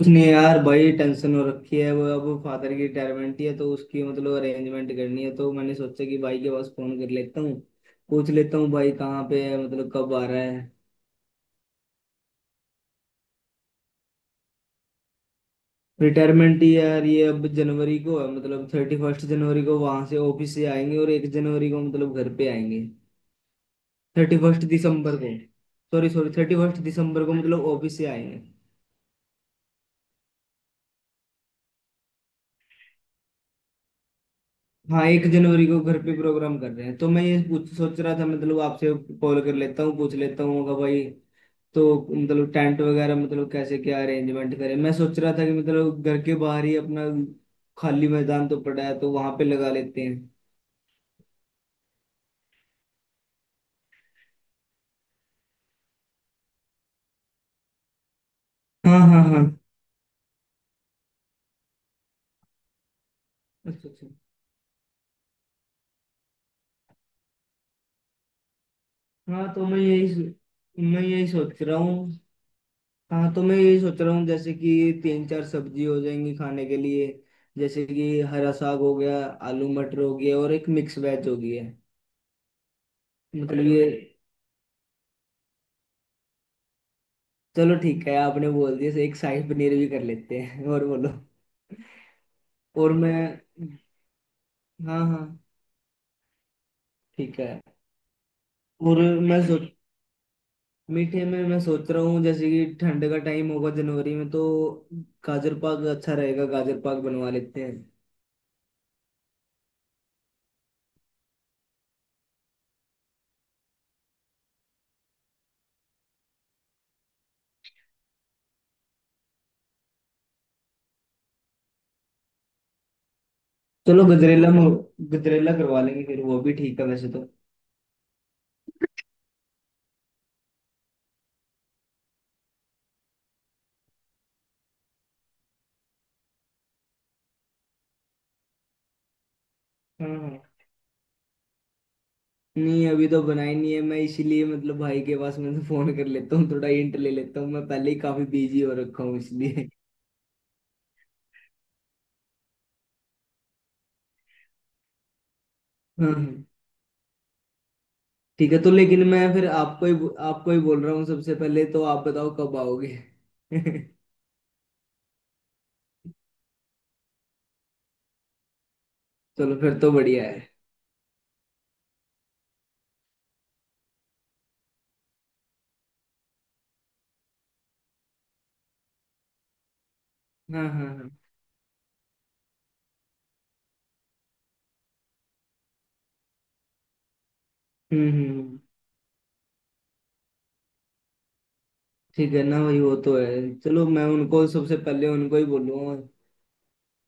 उसने यार बड़ी टेंशन हो रखी है। वो अब फादर की रिटायरमेंट है तो उसकी मतलब अरेंजमेंट करनी है, तो मैंने सोचा कि भाई के पास फोन कर लेता हूँ, पूछ लेता हूँ भाई कहाँ पे है, मतलब कब आ रहा है। रिटायरमेंट यार ये अब जनवरी को है, मतलब 31 जनवरी को वहां से ऑफिस से आएंगे और 1 जनवरी को मतलब घर पे आएंगे। थर्टी फर्स्ट दिसंबर को। सॉरी सॉरी, 31 दिसंबर को मतलब ऑफिस से आएंगे। हाँ, 1 जनवरी को घर पे प्रोग्राम कर रहे हैं, तो मैं ये पूछ सोच रहा था मतलब आपसे, कॉल कर लेता हूँ पूछ लेता हूँ होगा भाई। तो मतलब टेंट वगैरह मतलब कैसे क्या अरेंजमेंट करें। मैं सोच रहा था कि मतलब घर के बाहर ही अपना खाली मैदान तो पड़ा है, तो वहां पे लगा लेते हैं। हाँ हाँ हाँ। अच्छा अच्छा। हाँ तो मैं मैं यही सोच रहा हूँ। हाँ तो मैं यही सोच रहा हूँ जैसे कि तीन चार सब्जी हो जाएंगी खाने के लिए। जैसे कि हरा साग हो गया, आलू मटर हो गया और एक मिक्स वेज हो गई है। मतलब ये। चलो ठीक है, आपने बोल दिया, एक शाही पनीर भी कर लेते हैं। और बोलो। और मैं। हाँ हाँ। ठीक है। और मैं सोच मीठे में मैं सोच रहा हूँ जैसे कि ठंड का टाइम होगा जनवरी में, तो गाजर पाक अच्छा रहेगा, गाजर पाक बनवा लेते हैं। चलो गजरेला में, गजरेला करवा लेंगे फिर, वो भी ठीक है वैसे तो। हाँ हाँ। नहीं अभी तो बनाई नहीं है, मैं इसीलिए मतलब भाई के पास मैं फोन कर लेता हूँ, थोड़ा हिंट ले लेता हूँ। मैं पहले ही काफी बिजी हो रखा हूँ इसलिए। हाँ हाँ। ठीक है, तो लेकिन मैं फिर आपको ही बोल रहा हूँ सबसे पहले। तो आप बताओ कब आओगे। चलो फिर तो बढ़िया है। हाँ हाँ हाँ। हम्म हम्म, ठीक है ना भाई, वो तो है। चलो मैं उनको सबसे पहले उनको ही बोलूंगा।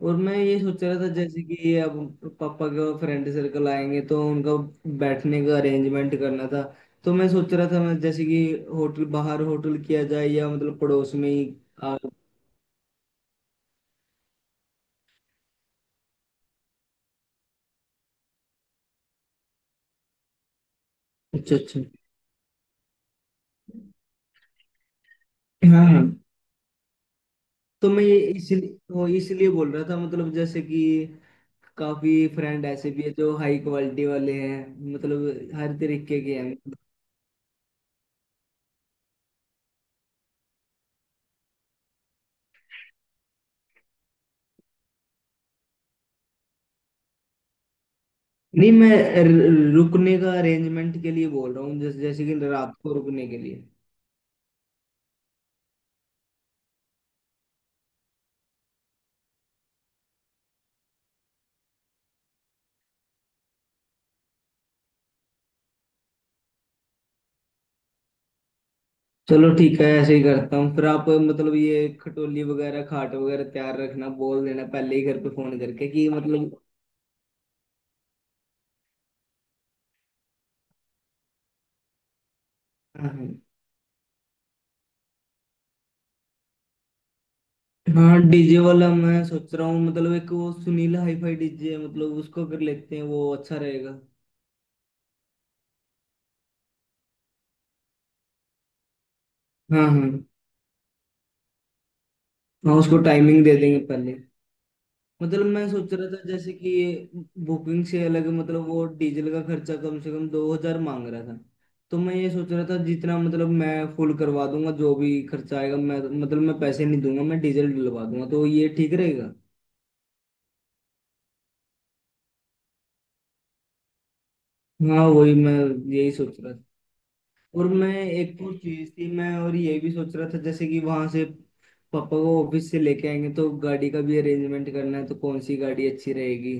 और मैं ये सोच रहा था जैसे कि ये अब पापा के फ्रेंड सर्कल आएंगे, तो उनका बैठने का अरेंजमेंट करना था। तो मैं सोच रहा था मैं जैसे कि होटल, बाहर होटल किया जाए या मतलब पड़ोस में ही। आ, अच्छा अच्छा। हाँ हाँ। तो मैं ये इसलिए वो इसलिए बोल रहा था मतलब जैसे कि काफी फ्रेंड ऐसे भी है जो हाई क्वालिटी वाले हैं, मतलब हर तरीके के हैं। नहीं मैं रुकने का अरेंजमेंट के लिए बोल रहा हूँ, जैसे जैसे कि रात को रुकने के लिए। चलो ठीक है, ऐसे ही करता हूँ फिर। आप मतलब ये खटोली वगैरह खाट वगैरह तैयार रखना, बोल देना पहले ही घर पे फोन करके कि मतलब। हाँ हाँ। डीजे वाला मैं सोच रहा हूँ, मतलब एक वो सुनील हाईफाई डीजे, मतलब उसको कर लेते हैं, वो अच्छा रहेगा। हाँ हाँ हाँ। उसको टाइमिंग दे देंगे पहले। मतलब मैं सोच रहा था जैसे कि ये बुकिंग से अलग, मतलब वो डीजल का खर्चा कम से कम 2000 मांग रहा था। तो मैं ये सोच रहा था जितना मतलब मैं फुल करवा दूंगा, जो भी खर्चा आएगा, मैं मतलब मैं पैसे नहीं दूंगा, मैं डीजल डलवा दूंगा, तो ये ठीक रहेगा। हाँ वही मैं यही सोच रहा था। और मैं एक और चीज थी, मैं और ये भी सोच रहा था जैसे कि वहां से पापा को ऑफिस से लेके आएंगे, तो गाड़ी का भी अरेंजमेंट करना है, तो कौन सी गाड़ी अच्छी रहेगी।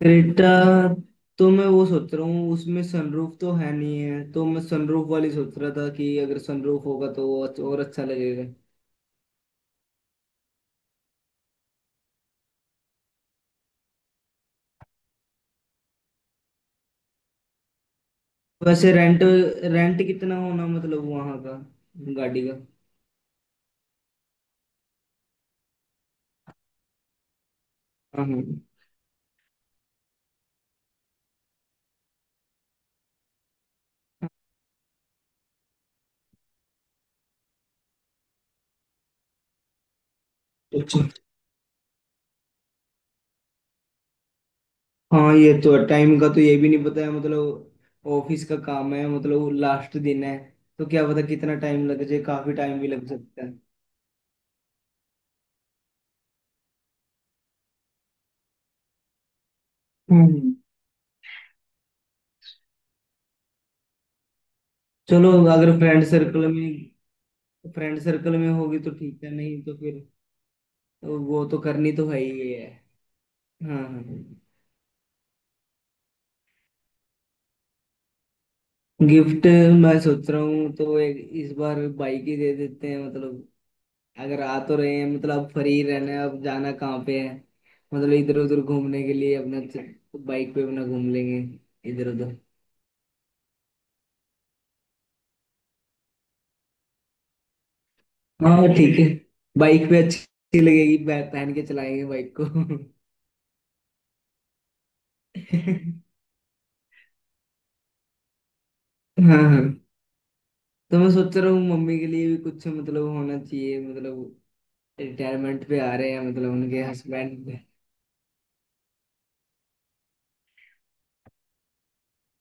क्रेटा, तो मैं वो सोच रहा हूँ उसमें सनरूफ तो है नहीं है, तो मैं सनरूफ वाली सोच रहा था कि अगर सनरूफ होगा तो वो और अच्छा लगेगा। वैसे रेंट, रेंट कितना होना मतलब वहाँ का गाड़ी का। हाँ हाँ। अच्छा। हाँ ये तो है, टाइम का तो ये भी नहीं पता है, मतलब ऑफिस का काम है, मतलब लास्ट दिन है तो क्या पता कितना टाइम लग जाए, काफी टाइम भी लग सकता है। हम्म। चलो अगर फ्रेंड सर्कल में फ्रेंड सर्कल में होगी तो ठीक है, नहीं तो फिर तो वो तो करनी तो है ही है। हाँ हाँ हाँ। गिफ्ट, मैं सोच रहा हूँ तो एक इस बार बाइक ही दे देते हैं, मतलब अगर आ तो रहे हैं, मतलब अब फ्री रहना है, अब जाना कहाँ पे है। मतलब इधर उधर घूमने के लिए अपना बाइक पे अपना घूम लेंगे इधर उधर। हाँ ठीक है। बाइक पे अच्छी लगेगी, पहन के चलाएंगे बाइक को। हाँ हाँ। तो मैं सोच रहा हूँ मम्मी के लिए भी कुछ मतलब होना चाहिए, मतलब रिटायरमेंट पे आ रहे हैं, मतलब उनके हस्बैंड।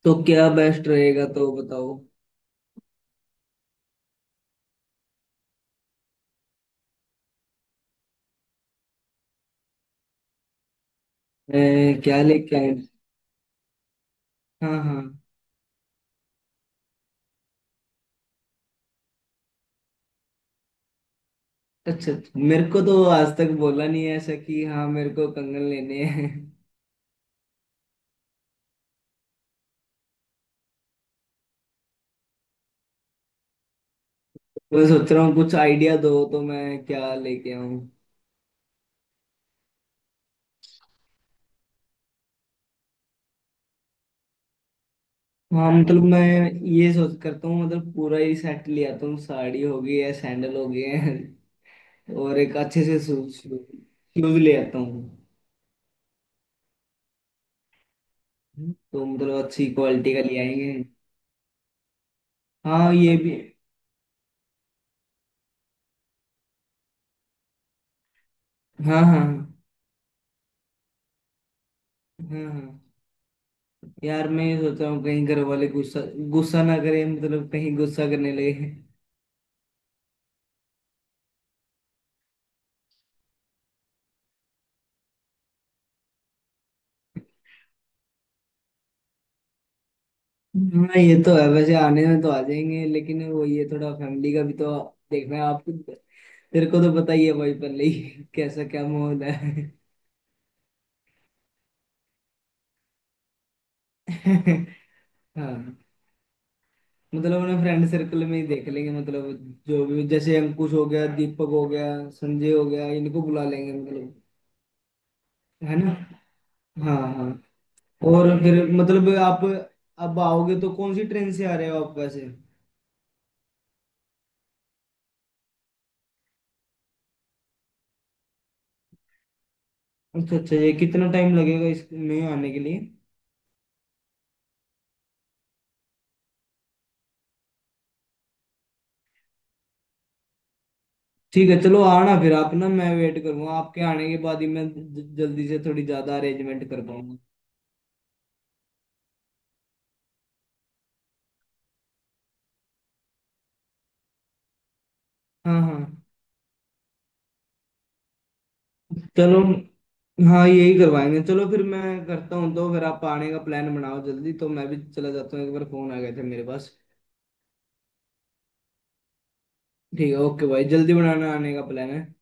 तो क्या बेस्ट रहेगा तो बताओ। मैं क्या लेके आए। हाँ हाँ। अच्छा अच्छा, मेरे को तो आज तक बोला नहीं है ऐसा कि हाँ मेरे को कंगन लेने हैं। मैं सोच रहा हूँ कुछ आइडिया दो तो मैं क्या लेके आऊँ। हाँ मतलब मैं ये सोच करता हूँ, मतलब पूरा ही सेट ले आता हूँ, साड़ी हो गई है, सैंडल हो गए हैं। और एक अच्छे से शूज शूज ले आता हूँ। तो मतलब अच्छी क्वालिटी का ले आएंगे। हाँ ये भी। हाँ हाँ हाँ। हाँ यार मैं ये सोच रहा हूँ कहीं घर वाले गुस्सा गुस्सा ना करें, मतलब कहीं गुस्सा करने लगे। हाँ ये तो है, वैसे आने में तो आ जाएंगे, लेकिन वो ये थोड़ा फैमिली का भी तो देखना है आपको। तेरे को तो पता ही है भाई, पहले ही कैसा क्या माहौल है। हाँ, मतलब अपने फ्रेंड सर्कल में ही देख लेंगे, मतलब जो भी जैसे अंकुश हो गया, दीपक हो गया, संजय हो गया, इनको बुला लेंगे मतलब। है ना। हाँ हाँ। और फिर मतलब आप अब आओगे तो कौन सी ट्रेन से आ रहे हो आप वैसे। अच्छा अच्छा, ये कितना टाइम लगेगा इसमें आने के लिए। ठीक है, चलो आना फिर आप ना। मैं वेट करूंगा आपके आने के बाद ही मैं जल्दी से थोड़ी ज्यादा अरेंजमेंट कर पाऊंगा। हाँ हाँ। चलो हाँ यही करवाएंगे, चलो फिर मैं करता हूँ तो फिर आप आने का प्लान बनाओ जल्दी, तो मैं भी चला जाता हूँ, एक बार फोन आ गए थे मेरे पास। ठीक है, ओके भाई जल्दी बनाना आने का प्लान है।